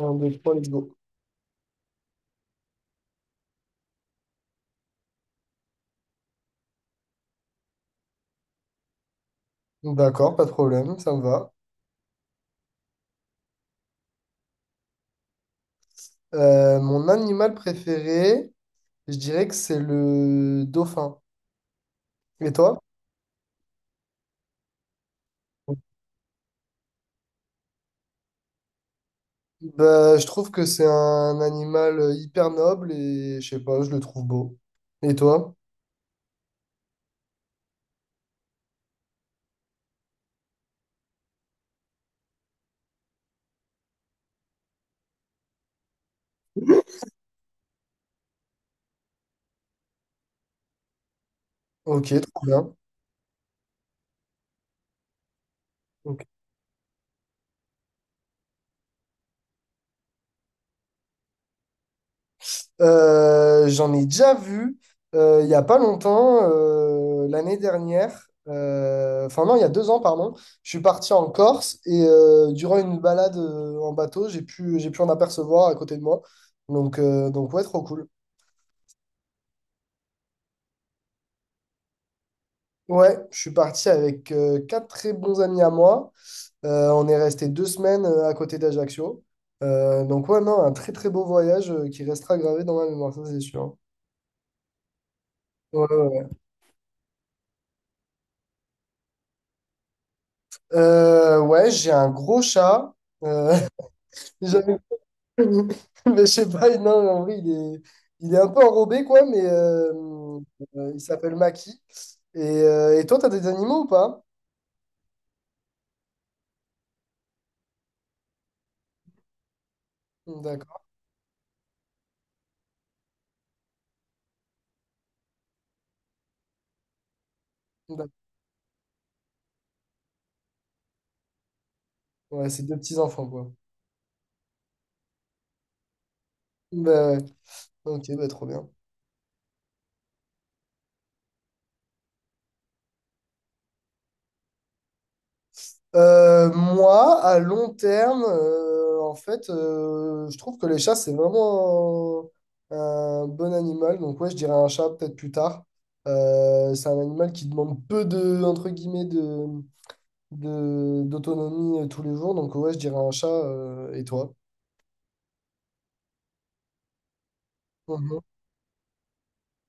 Un 2 3 let's go. D'accord, pas de problème, ça me va. Mon animal préféré, je dirais que c'est le dauphin. Et toi? Bah, je trouve que c'est un animal hyper noble et je sais pas, je le trouve beau. Et toi? Ok, trop bien. Ok. J'en ai déjà vu il y a pas longtemps, l'année dernière, enfin non, il y a 2 ans, pardon, je suis parti en Corse et durant une balade en bateau, j'ai pu en apercevoir à côté de moi. Donc, ouais, trop cool. Ouais, je suis parti avec quatre très bons amis à moi. On est resté 2 semaines à côté d'Ajaccio. Donc ouais, non, un très très beau voyage qui restera gravé dans ma mémoire, ça c'est sûr. Ouais, ouais, ouais. Ouais, j'ai un gros chat. Euh, J'avais Mais je sais pas, non, en vrai, il est un peu enrobé, quoi, mais il s'appelle Maki. Et toi, t'as des animaux ou pas? D'accord. D'accord. Ouais, c'est deux petits-enfants, quoi. Bah, ouais. Ok, bah, trop bien. Moi, à long terme, en fait, je trouve que les chats, c'est vraiment un, un bon animal. Donc, ouais, je dirais un chat peut-être plus tard. C'est un animal qui demande peu de, entre guillemets, de d'autonomie tous les jours. Donc ouais, je dirais un chat. Et toi? Mhm.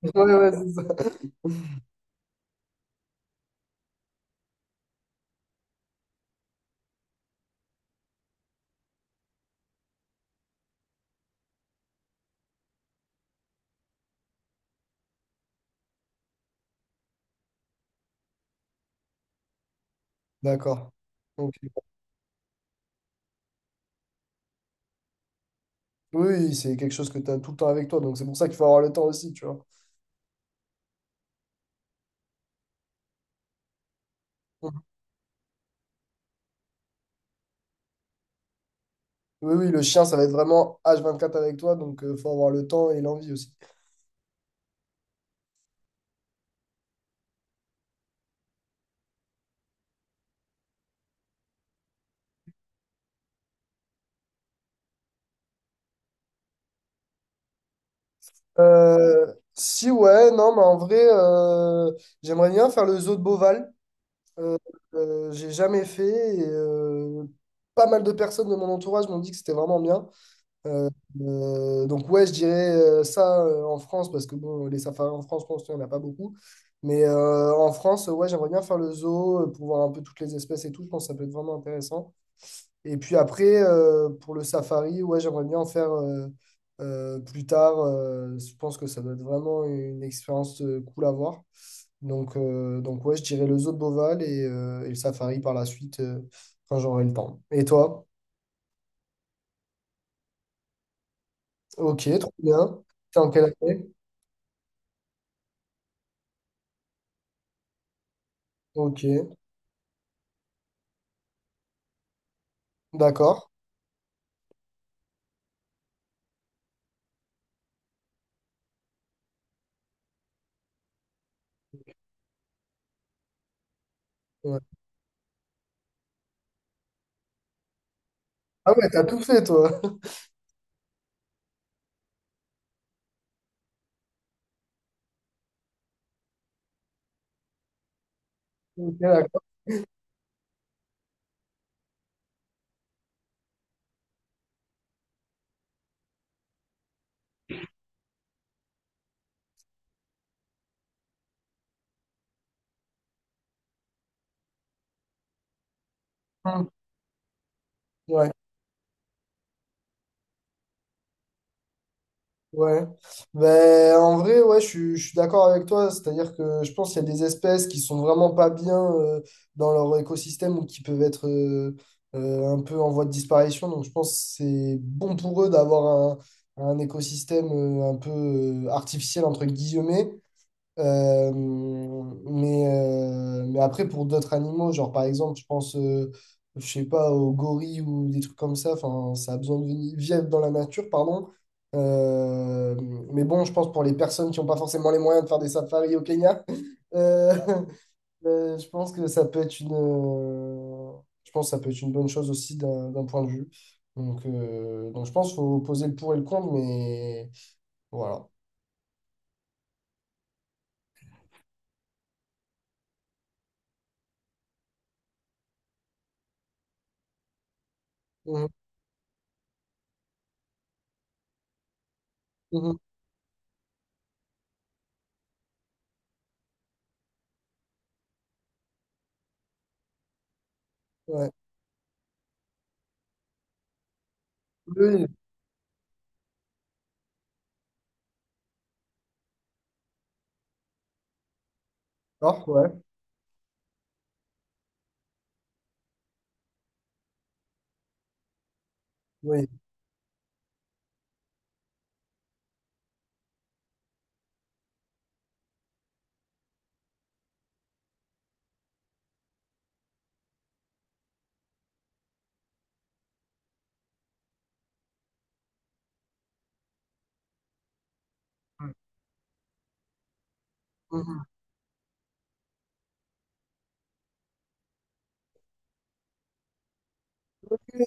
Ouais, ouais, c'est ça. D'accord. Ok. Oui, oui, c'est quelque chose que tu as tout le temps avec toi. Donc c'est pour ça qu'il faut avoir le temps aussi, tu vois. Mhm. Oui, oui, le chien, ça va être vraiment H24 avec toi. Donc il faut avoir le temps et l'envie aussi. Si ouais, non, mais en vrai, j'aimerais bien faire le zoo de Beauval. Euh, j'ai jamais fait. Et pas mal de personnes de mon entourage m'ont dit que c'était vraiment bien. Euh, donc ouais, je dirais ça en France, parce que bon, les safaris en France, je pense qu'il n'y en a pas beaucoup. Mais en France, ouais, j'aimerais bien faire le zoo pour voir un peu toutes les espèces et tout. Je pense que ça peut être vraiment intéressant. Et puis après, pour le safari, ouais, j'aimerais bien en faire plus tard. Je pense que ça doit être vraiment une expérience cool à voir. Donc, ouais, je dirais le zoo de Beauval et le safari par la suite, quand j'aurai le temps. Et toi? Ok, trop bien. T'es en quelle année? Ok. D'accord. Ouais. Ah ouais, t'as tout fait, toi. Ok, d'accord. Hmm. Ouais, ouais. Ben, en vrai, ouais, je suis d'accord avec toi. C'est-à-dire que je pense qu'il y a des espèces qui sont vraiment pas bien dans leur écosystème ou qui peuvent être un peu en voie de disparition. Donc, je pense que c'est bon pour eux d'avoir un écosystème un peu artificiel, entre guillemets. Mais après, pour d'autres animaux, genre par exemple, je pense, je sais pas, aux gorilles ou des trucs comme ça, enfin, ça a besoin de vivre dans la nature, pardon. Euh, mais bon, je pense pour les personnes qui n'ont pas forcément les moyens de faire des safaris au Kenya, euh, je pense que ça peut être une bonne chose aussi d'un d'un point de vue. Donc, je pense qu'il faut poser le pour et le contre, mais voilà. Mhm, mhm, ouais. Oui, d'accord, ouais. Oui. Mhm.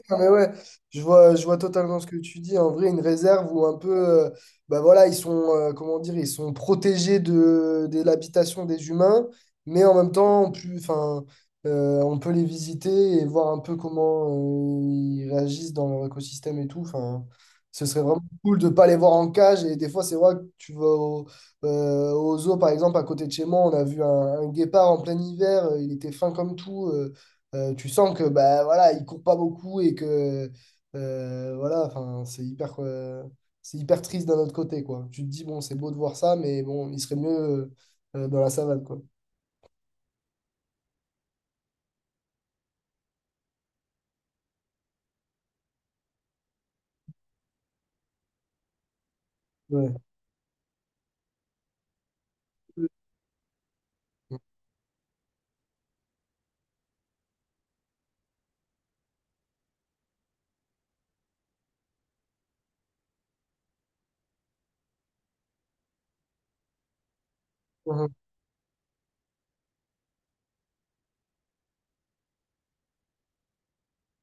Non, mais ouais, je vois totalement ce que tu dis. En vrai, une réserve où un peu, euh, bah voilà, comment dire, ils sont protégés de l'habitation des humains, mais en même temps, plus, enfin, on peut les visiter et voir un peu comment ils réagissent dans leur écosystème et tout. Enfin, ce serait vraiment cool de pas les voir en cage. Et des fois, c'est vrai que tu vas au zoo, par exemple, à côté de chez moi, on a vu un guépard en plein hiver. Il était fin comme tout. Tu sens que bah voilà, il court pas beaucoup et que voilà, enfin, c'est hyper triste d'un autre côté quoi. Tu te dis bon, c'est beau de voir ça, mais bon, il serait mieux dans la savane quoi. Ouais. Mhm,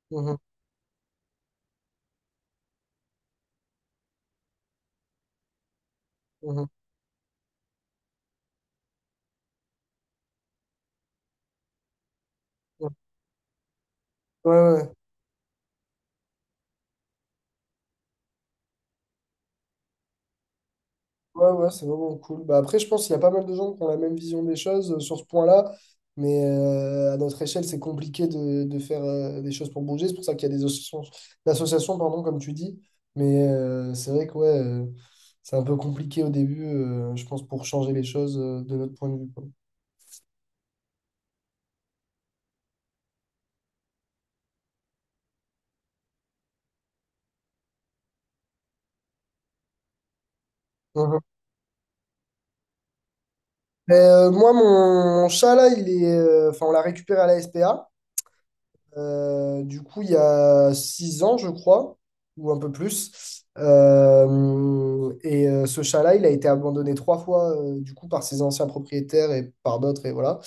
mhm, mhm, mhm. Ouais, ouais. Ouais, ouais, c'est vraiment cool. Bah, après, je pense qu'il y a pas mal de gens qui ont la même vision des choses sur ce point-là, mais à notre échelle, c'est compliqué de faire des choses pour bouger. C'est pour ça qu'il y a des associations, d'associations, pardon, comme tu dis. Mais c'est vrai que ouais, c'est un peu compliqué au début, je pense, pour changer les choses de notre point de vue, quoi. Mhm. Moi, mon chat, là, enfin, on l'a récupéré à la SPA. Du coup, il y a 6 ans, je crois, ou un peu plus. Et ce chat-là, il a été abandonné trois fois, du coup, par ses anciens propriétaires et par d'autres, et voilà.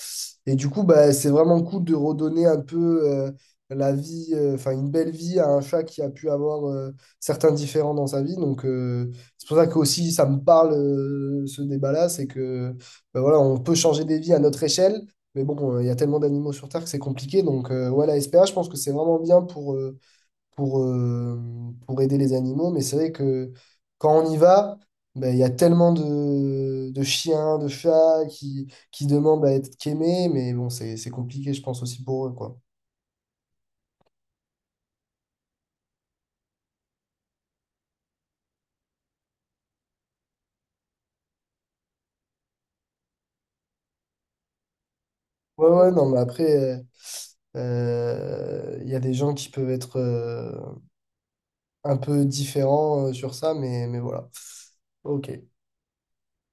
Et du coup, bah, c'est vraiment cool de redonner un peu la vie, enfin, une belle vie à un chat qui a pu avoir certains différents dans sa vie. Donc, c'est pour ça que aussi, ça me parle, ce débat-là, c'est que, bah, voilà, on peut changer des vies à notre échelle mais bon, il y a tellement d'animaux sur Terre que c'est compliqué. Donc, ouais, la SPA, je pense que c'est vraiment bien pour, euh, pour aider les animaux. Mais c'est vrai que quand on y va, ben, il y a tellement de chiens, de chats qui demandent à être qu'aimés. Mais bon, c'est compliqué, je pense, aussi pour eux, quoi. Ouais, ouais, non, mais après, il y a des gens qui peuvent être un peu différents sur ça. Mais voilà. OK.